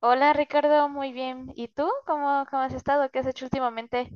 Hola Ricardo, muy bien. ¿Y tú? ¿Cómo has estado? ¿Qué has hecho últimamente?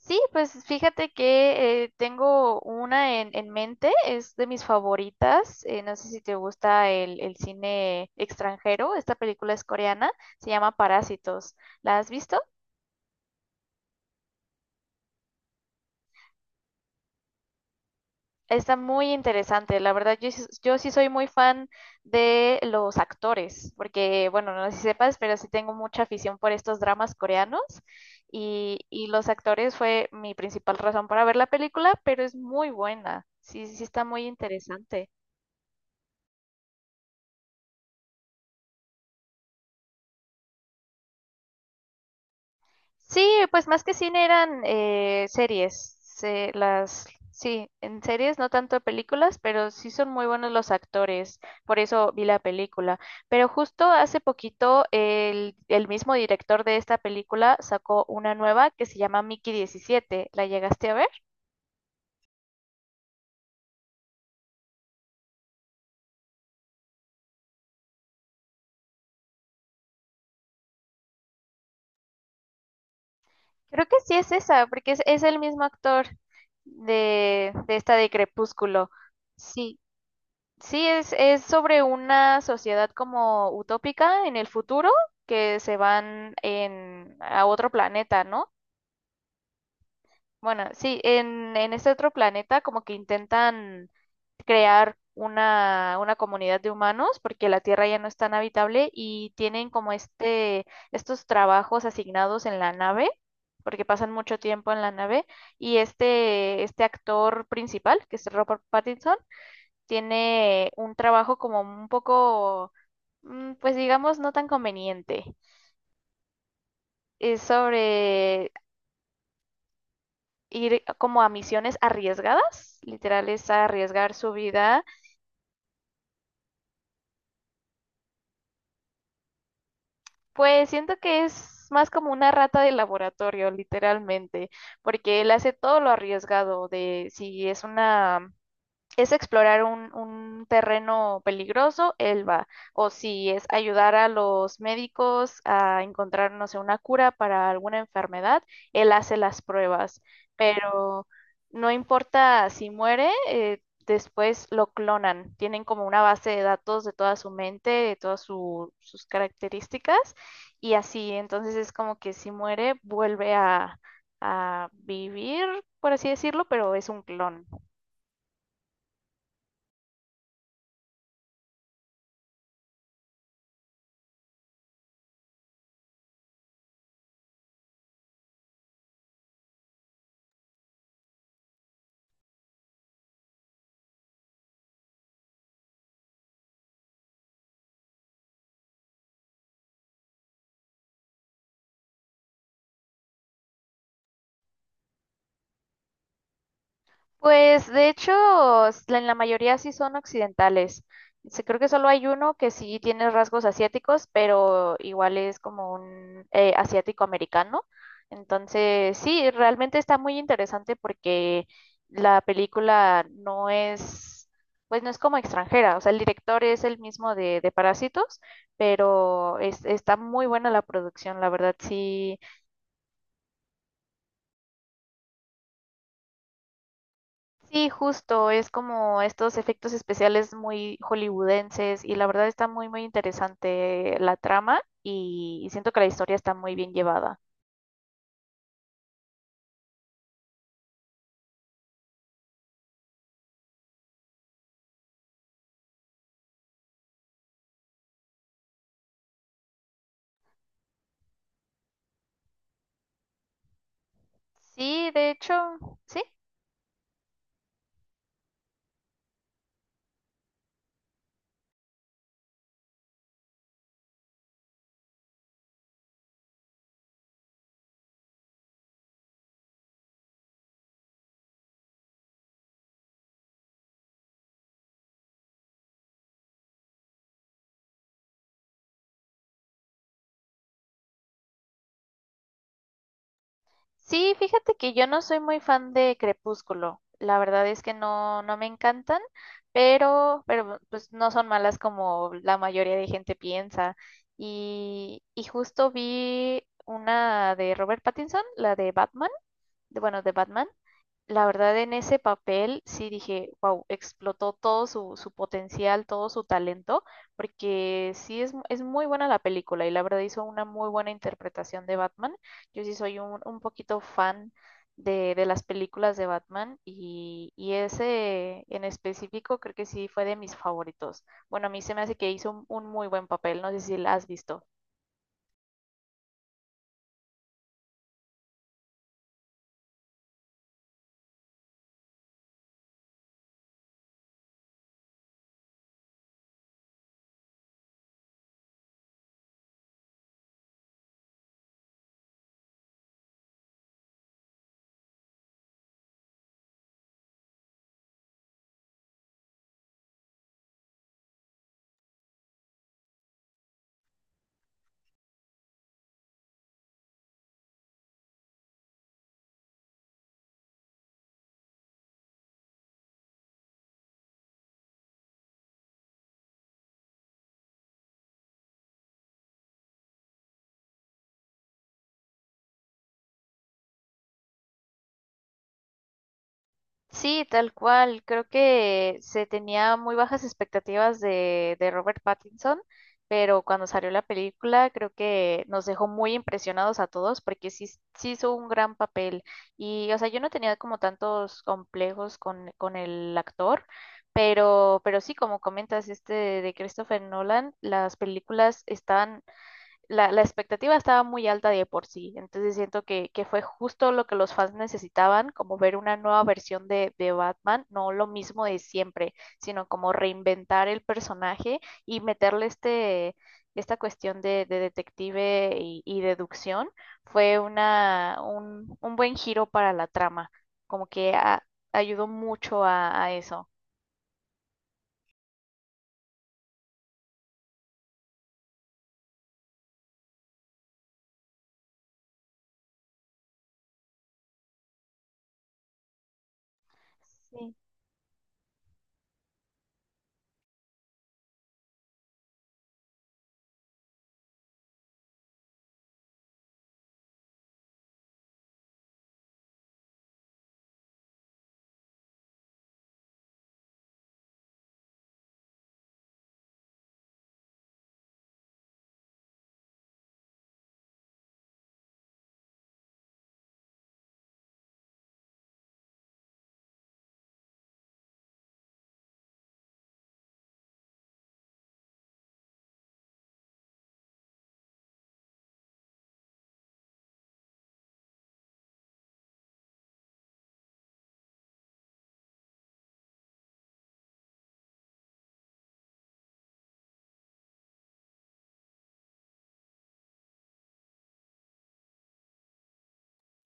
Sí, pues fíjate que tengo una en mente, es de mis favoritas. No sé si te gusta el cine extranjero. Esta película es coreana, se llama Parásitos. ¿La has visto? Está muy interesante. La verdad, yo sí soy muy fan de los actores, porque, bueno, no sé si sepas, pero sí tengo mucha afición por estos dramas coreanos. Y los actores fue mi principal razón para ver la película, pero es muy buena. Sí, sí está muy interesante. Sí, pues más que cine eran series. Sí, en series, no tanto películas, pero sí son muy buenos los actores. Por eso vi la película. Pero justo hace poquito el mismo director de esta película sacó una nueva que se llama Mickey 17. ¿La llegaste a ver? Creo que sí es esa, porque es el mismo actor de esta de Crepúsculo. Sí. Sí, es sobre una sociedad como utópica en el futuro que se van a otro planeta, ¿no? Bueno, sí, en este otro planeta como que intentan crear una comunidad de humanos porque la Tierra ya no es tan habitable y tienen como estos trabajos asignados en la nave, porque pasan mucho tiempo en la nave, y este actor principal, que es Robert Pattinson, tiene un trabajo como un poco, pues digamos, no tan conveniente. Es sobre ir como a misiones arriesgadas, literal es arriesgar su vida. Pues siento que es más como una rata de laboratorio, literalmente, porque él hace todo lo arriesgado de si es explorar un terreno peligroso, él va. O si es ayudar a los médicos a encontrar, no sé, una cura para alguna enfermedad, él hace las pruebas. Pero no importa si muere, después lo clonan. Tienen como una base de datos de toda su mente, de todas sus características y así. Entonces es como que si muere, vuelve a vivir, por así decirlo, pero es un clon. Pues de hecho, en la mayoría sí son occidentales. Sí, creo que solo hay uno que sí tiene rasgos asiáticos, pero igual es como un asiático americano. Entonces, sí, realmente está muy interesante porque la película no es como extranjera. O sea, el director es el mismo de Parásitos, pero está muy buena la producción, la verdad, sí. Sí, justo, es como estos efectos especiales muy hollywoodenses y la verdad está muy, muy interesante la trama y siento que la historia está muy bien llevada. Sí, de hecho, sí, sí, fíjate que yo no soy muy fan de Crepúsculo, la verdad es que no, no me encantan, pero pues no son malas como la mayoría de gente piensa. Y justo vi una de Robert Pattinson, la de Batman, de Batman. La verdad, en ese papel sí dije, wow, explotó todo su potencial, todo su talento, porque sí es muy buena la película y la verdad hizo una muy buena interpretación de Batman. Yo sí soy un poquito fan de las películas de Batman y ese en específico creo que sí fue de mis favoritos. Bueno, a mí se me hace que hizo un muy buen papel, no sé si la has visto. Sí, tal cual. Creo que se tenía muy bajas expectativas de Robert Pattinson, pero cuando salió la película creo que nos dejó muy impresionados a todos porque sí, sí hizo un gran papel. Y, o sea, yo no tenía como tantos complejos con el actor, pero sí, como comentas, este de Christopher Nolan, las películas la expectativa estaba muy alta de por sí, entonces siento que fue justo lo que los fans necesitaban, como ver una nueva versión de Batman, no lo mismo de siempre, sino como reinventar el personaje y meterle este, esta cuestión de detective y deducción, fue un buen giro para la trama, como que ayudó mucho a eso. Sí.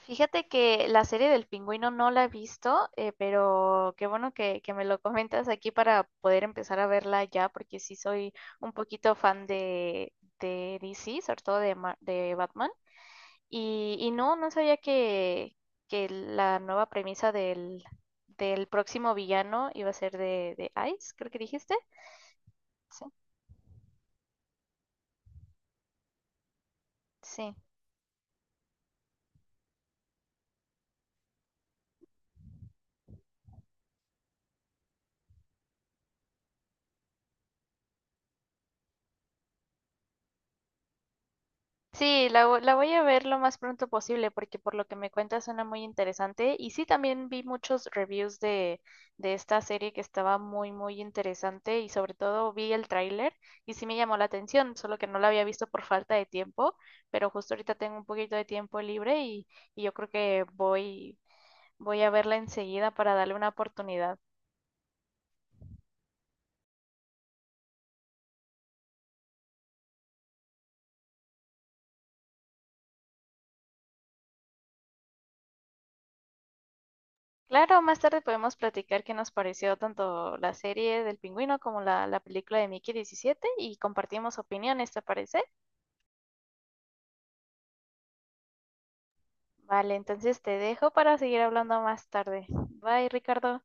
Fíjate que la serie del pingüino no la he visto, pero qué bueno que me lo comentas aquí para poder empezar a verla ya, porque sí soy un poquito fan de DC, sobre todo de Batman. Y no, no sabía que la nueva premisa del próximo villano iba a ser de Ice, creo que dijiste. Sí. Sí. Sí, la voy a ver lo más pronto posible porque por lo que me cuentas suena muy interesante. Y sí, también vi muchos reviews de esta serie que estaba muy, muy interesante y sobre todo vi el tráiler y sí me llamó la atención, solo que no la había visto por falta de tiempo, pero justo ahorita tengo un poquito de tiempo libre y yo creo que voy a verla enseguida para darle una oportunidad. Claro, más tarde podemos platicar qué nos pareció tanto la serie del pingüino como la película de Mickey 17 y compartimos opiniones, ¿te parece? Vale, entonces te dejo para seguir hablando más tarde. Bye, Ricardo.